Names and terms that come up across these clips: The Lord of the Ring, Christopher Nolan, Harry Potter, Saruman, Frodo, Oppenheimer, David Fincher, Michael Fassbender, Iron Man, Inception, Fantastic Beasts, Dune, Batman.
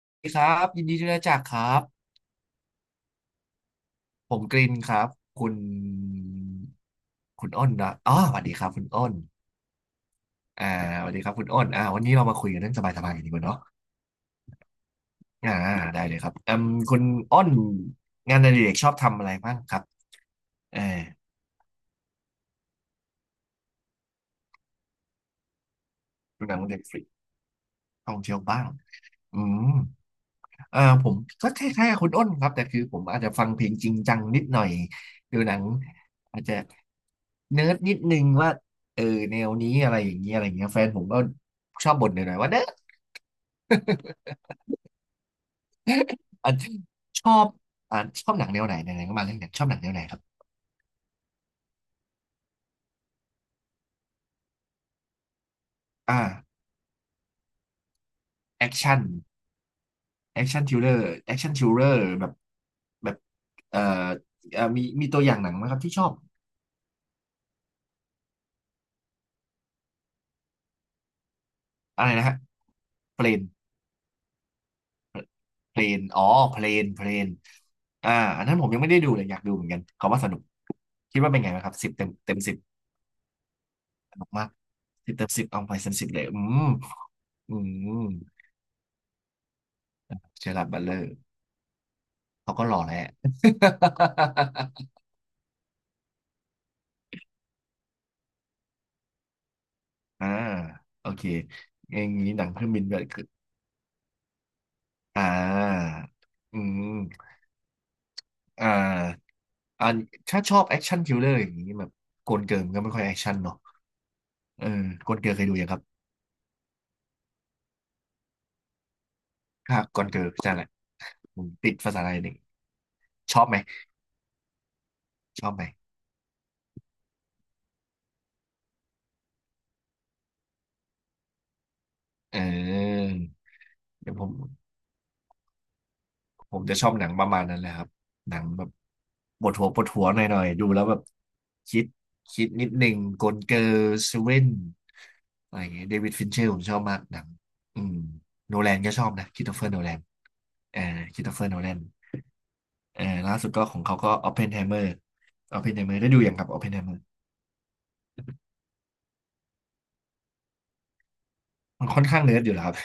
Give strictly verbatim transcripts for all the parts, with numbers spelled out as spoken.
สวัสดีครับยินดีที่ได้รู้จักครับผมกรินครับคุณคุณอ้นนะอ๋อสวัสดีครับคุณอ้นอ่าสวัสดีครับคุณอ้นอ่าวันนี้เรามาคุยกันเรื่องสบายๆกันดีกว่าเนาะอ่าได้เลยครับอืมคุณอ้นงานอดิเรกชอบทำอะไรบ้างครับเออดูหนังเด็กฟรีท่องเที่ยวบ้างอืม อ่าผมก็คล้ายๆกับคุณอ้นครับแต่คือผมอาจจะฟังเพลงจริงจังนิดหน่อยดูหนังอาจจะเนิร์ดนิดนึงว่าเออแนวนี้อะไรอย่างเงี้ยอะไรอย่างเงี้ยแฟนผมก็ชอบบ่นหน่อยๆว่าเนิร์ดอ่ะชอบอ่าชอบหนังแนวไหนไหนๆก็มาเรื่องหนังชอบหนังแนวไหนครับอ่าแอคชั่นแอคชั่นทริลเลอร์แอคชั่นทริลเลอร์แบบแบบเอ่อเอ่อมีมีตัวอย่างหนังไหมครับที่ชอบอะไรนะฮะเปลน เพลนอ๋อเพลนเพลนอ่าอันนั้นผมยังไม่ได้ดูเลยอยากดูเหมือนกันเขาว่าสนุกคิดว่าเป็นไงบ้างครับสิบเต็มเต็มสิบสนุกมากสิบเต็มสิบเอาไปเต็มสิบเลยอืมอืมเจอร์ารดบัตเลอร์เขาก็หล่อแหละ อ่าโอเคอย่างนี้หนังเครื่องบินแบบึ้นอ่าอืมอ่าอันถ้าชอบแอคชั่นคิลเลอร์อย่างนี้แบบโกนเกิร์ลมันก็ไม่ค่อยแอคชั่นเนาะเออโกนเกิร์ลเคยดูยังครับค่ะก่อนเกิร์ลใช่แหละผมติดภาษาไทยนี่ ชอบไหมชอบไหมเออเดี๋ยวผมผมจะชอบหนังประมาณนั้นแหละครับหนังแบบปวดหัวปวดหัวหน่อยๆดูแล้วแบบคิดคิดนิดหนึ่งกลเกอร์เซเว่นอะไรอย่างเงี้ยเดวิดฟินเชอร์ผมชอบมากหนังอืมโนแลนก็ชอบนะค h ิ i โตเฟอร์โนแลนเออคริสโตเฟอร์โนแลนเออล่าสุดก็ของเขาก็ออปเพนไฮเมอร์ออปเพนไฮเมอร์ได้ดูอย่างครับออปเพนไฮเมอร์มันค่อนข้างเนิร์ดอยู่แล้วครับ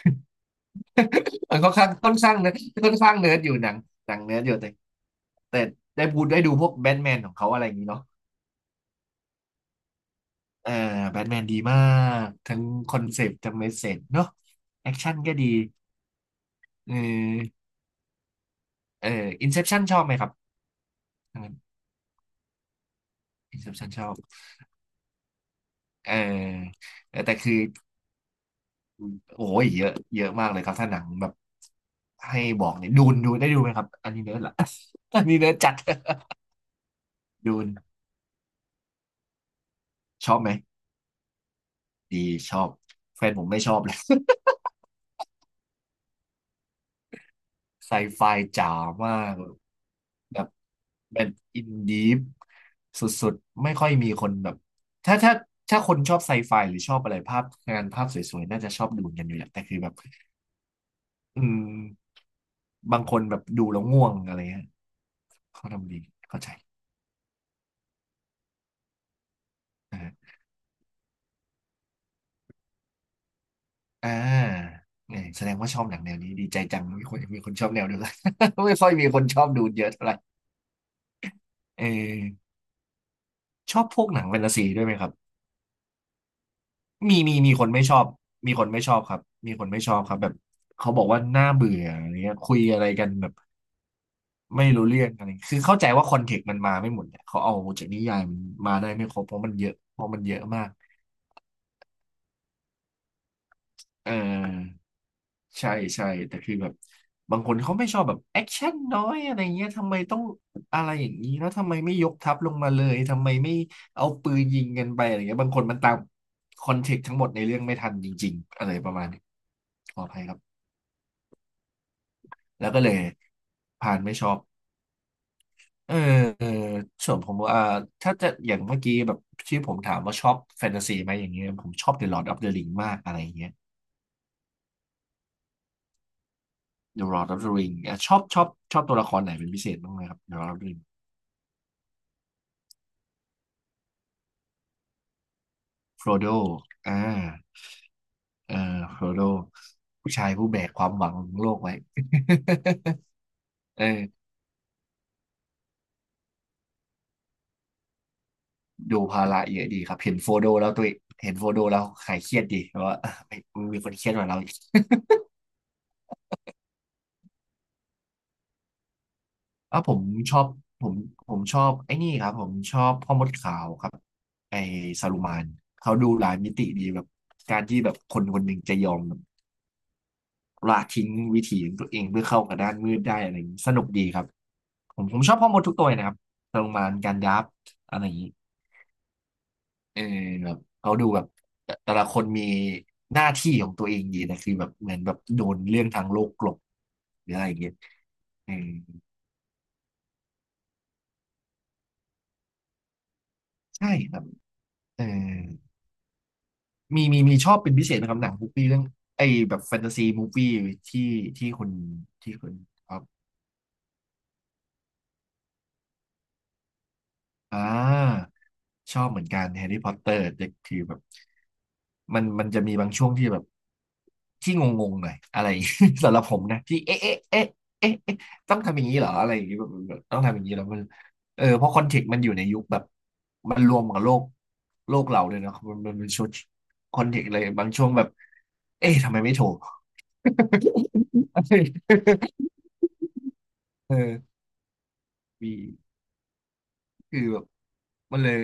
มันค่อนข้างค่อนข้างเนิร์ดค่อนข้างเนิร์ดอยู่หนังหนังเนิร์ดอยู่แต่แต่ได้พูดได้ดูพวกแบทแมนของเขาอะไรอย่างงี้เนาะ เออแบทแมนดีมากทั้งคอนเซปต์ทั้งเมสเสจเนาะแอคชั่นก็ดีเออเอออินเซปชั่นชอบไหมครับทั้งนั้นอินเซปชั่นชอบเออเออแต่คือโอ้ยเยอะเยอะมากเลยครับถ้าหนังแบบให้บอกเนี่ยดูนดูได้ดูไหมครับอันนี้เนิร์ดละ อันนี้เนิร์ดจัด ดูนชอบไหมดีชอบแฟนผมไม่ชอบเลย ไซไฟจ๋ามาก แบบแบบอินดีฟสุดๆไม่ค่อยมีคนแบบถ้าถ้าถ้าคนชอบไซไฟหรือชอบอะไรภาพงานภาพสวยๆน่าจะชอบดูกันอยู่แหละแต่คือแบบอืมบางคนแบบดูแล้วง่วงอะไรเงี้ยเขาทำดีเข้าใจอ่าอ่าเนี่ยแสดงว่าชอบหนังแนวนี้ดีใจจังมีคนมีคนชอบแนวเดียวกัน ไม่ค่อยมีคนชอบดูเยอะเท่าไหร่เออชอบพวกหนังแฟนตาซีด้วยไหมครับ มีมีมีคนไม่ชอบมีคนไม่ชอบครับมีคนไม่ชอบครับแบบเขาบอกว่าน่าเบื่ออะไรเงี้ยคุยอะไรกันแบบไม่รู้เรื่องอะไรคือเข้าใจว่าคอนเทกต์มันมาไม่หมดเนี่ยเขาเอาจากนิยายมันมาได้ไม่ครบเพราะมันเยอะเพราะมันเยอะมากเออใช่ใช่แต่คือแบบบางคนเขาไม่ชอบแบบแอคชั่นน้อยอะไรเงี้ยทำไมต้องอะไรอย่างนี้แล้วทำไมไม่ยกทัพลงมาเลยทำไมไม่เอาปืนยิงกันไปอะไรเงี้ยบางคนมันตามคอนเทกต์ทั้งหมดในเรื่องไม่ทันจริงๆอะไรประมาณนี้ขออภัยครับ แล้วก็เลยพานไม่ชอบเออเออส่วนผมว่าถ้าจะอย่างเมื่อกี้แบบที่ผมถามว่าชอบแฟนตาซีไหมอย่างเงี้ยผมชอบ The Lord of the Ring มากอะไรอย่างเงี้ย The Lord of the Ring อ่ะชอบชอบชอบตัวละครไหนเป็นพิเศษบ้างไหมครับ The Lord of the Ring โฟโดอ่าเออโฟโดผู้ชายผู้แบกความหวังของโลกไว้ เออดูภาระเยอะดีครับเห็นโฟโดแล้วตัวเองเห็นโฟโดแล้วหายเครียดดีเพราะว่า เอมมีคนเครียดกว่าเรา อ่ะผมชอบผมผมชอบไอ้นี่ครับผมชอบพ่อมดขาวครับไอ้ซาลูมานเขาดูหลายมิติดีแบบการที่แบบคนคนหนึ่งจะยอมแบบละทิ้งวิถีของตัวเองเพื่อเข้ากับด้านมืดได้อะไรอย่างนี้สนุกดีครับผมผมชอบพ่อมดทุกตัวเลยนะครับซาลูมานการยับอะไรอย่างนี้เออแบบเขาดูแบบแต่แต่ละคนมีหน้าที่ของตัวเองดีนะคือแบบเหมือนแบบโดนเรื่องทางโลกกลบหรืออะไรอย่างเงี้ยเออใช่ครับเออ มีมีมีชอบเป็นพิเศษนะครับหนังมูปี่เรื่องไอ้แบบแฟนตาซีมูฟวี่ที่ที่คุณที่คุณออฟอ่าชอบเหมือนกันแฮร์รี่พอตเตอร์แต่คือแบบมันมันจะมีบางช่วงที่แบบที่งงๆหน่อยอะไร สำหรับผมนะที่เอ๊ะเอ๊ะเอ๊ะเอ๊ะเอ๊ะต้องทำอย่างนี้เหรออะไรอย่างนี้แบบแบบต้องทำอย่างนี้แล้วมันเออเพราะคอนเทกต์มันอยู่ในยุคแบบมันรวมกับโลกโลกเราเลยเนอะมันมันเป็นชุดคอนเทกต์อะไรบางช่วงแบบเอ๊ะทำไมไม่โทร เออ มีคือแบบมันเลย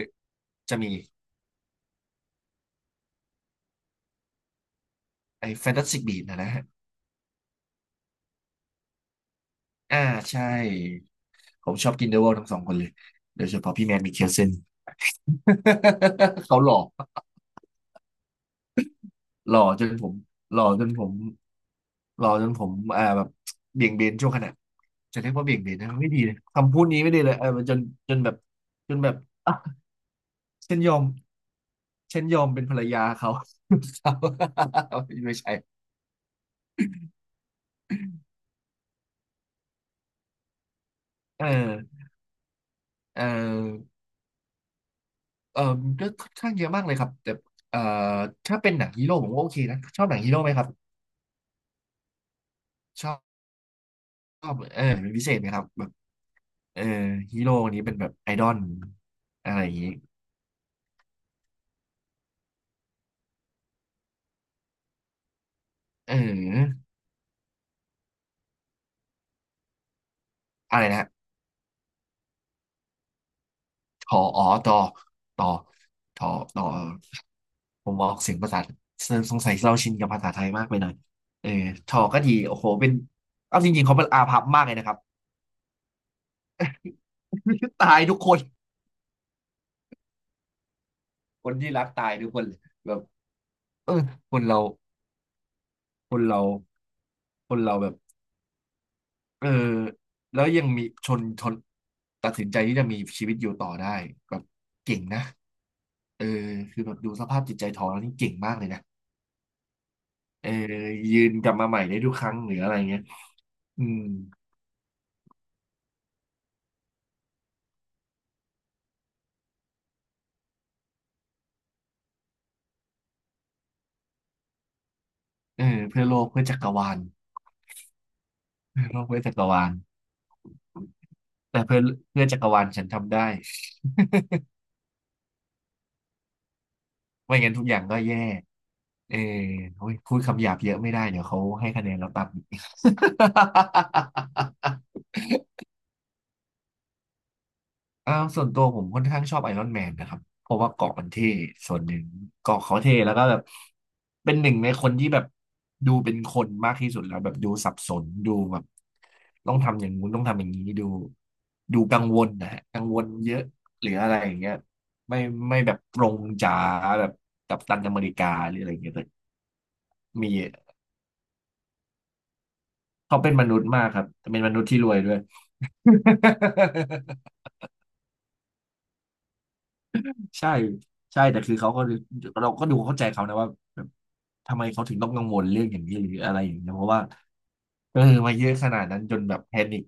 จะมีไอ้แฟนตาสติกบีนะนะฮะอ่าใช่ผมชอบกินเดอะวอลทั้งสองคนเลยโดยเฉพาะพี่แมนมิเคลเซน เขาหล่อหล่อจนผมหล่อจนผมหล่อจนผมอ่าแบบเบี่ยงเบนช่วงขณะจะเรียกว่าเบี่ยงเบนนะไม่ดีเลยคำพูดนี้ไม่ดีเลยเออจนจนแบบจนแบบอ่ะฉันยอมฉันยอมเป็นภรรยาเขา ไม่ใช่เออเออ เอ่อก็ค่อนข้างเยอะมากเลยครับแต่เอ่อถ้าเป็นหนังฮีโร่ผมว่าโอเคนะชอบหนังฮีโร่ไหมครับชอบชอบเออเป็นพิเศษไหมครับแบบเออฮีโร่นี้เป็นแบบไอดอลอะไรอย่างนี้เอออะไรนะฮะทออ๋อต่อต่อต่อต่อผมออกเสียงภาษาสงสัยเราชินกับภาษาไทยมากไปหน่อยเออทอก็ดีโอ้โหเป็นเอาจริงๆเขาเป็นอาภัพมากเลยนะครับ ตายทุกคนคนที่รักตายทุกคนเลยแบบเออคนเรา คนเราคนเราแบบเออแล้วยังมีชนชนตัดสินใจที่จะมีชีวิตอยู่ต่อได้แบบเก่งนะเออคือแบบดูสภาพจิตใจทองแล้วนี่เก่งมากเลยนะเออยืนกลับมาใหม่ได้ทุกครั้งหรืออะไรเงี้ยอืมเออเพื่อโลกเพื่อจักรวาลเพื่อโลกเพื่อจักรวาลแต่เพื่อเพื่อจักรวาลฉันทำได้ไม่งั้นทุกอย่างก็แย่เออโอ้ยพูดคำหยาบเยอะไม่ได้เดี๋ยวเขาให้คะแนนเราต่ำอีก อ่าส่วนตัวผมค่อนข้างชอบไอรอนแมนนะครับเพราะว่าเกราะมันเท่ส่วนหนึ่งเกราะเขาเท่แล้วก็แบบเป็นหนึ่งในคนที่แบบดูเป็นคนมากที่สุดแล้วแบบดูสับสนดูแบบต้องทำอย่างงู้นต้องทำอย่างนี้ดูดูกังวลนะฮะกังวลเยอะหรืออะไรอย่างเงี้ยไม่ไม่แบบตรงจ๋าแบบกัปตันอเมริกาหรืออะไรอย่างเงี้ยแต่มีเขาเป็นมนุษย์มากครับแต่เป็นมนุษย์ที่รวยด้วย ใช่ใช่แต่คือเขาก็เราก็ดูเข้าใจเขานะว่าแบบทำไมเขาถึงต้องกังวลเรื่องอย่างนี้หรืออะไรอย่างเงี้ยเพราะว่าเออมาเยอะขนาดนั้นจนแบบแพนิค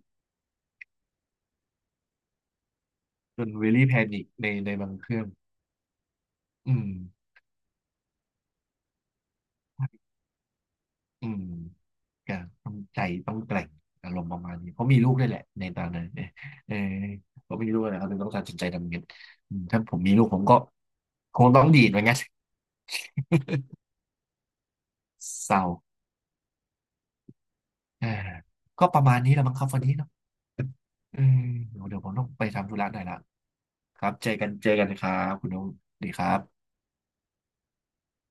จนเวลี่แพนิคในในบางเครื่องอืมอืมก็ต้องใจต้องแกร่งอารมณ์ประมาณนี้เขามีลูกด้วยแหละในตอนนั้นเนี่ยเออเขามีลูกนะเขาถึงต้องตัดสินใจทำเงินอืมถ้าผมมีลูกผมก็คงต้องดีดเหมือนกันเศร้าอ่าก็ประมาณนี้แหละมั้งครับวันนี้เนาะอืมเดี๋ยวเดี๋ยวผมต้องไปทำธุระหน่อยละ ครับเจอกันเจอกันครับคุณนุ๊กสวัสดีครับ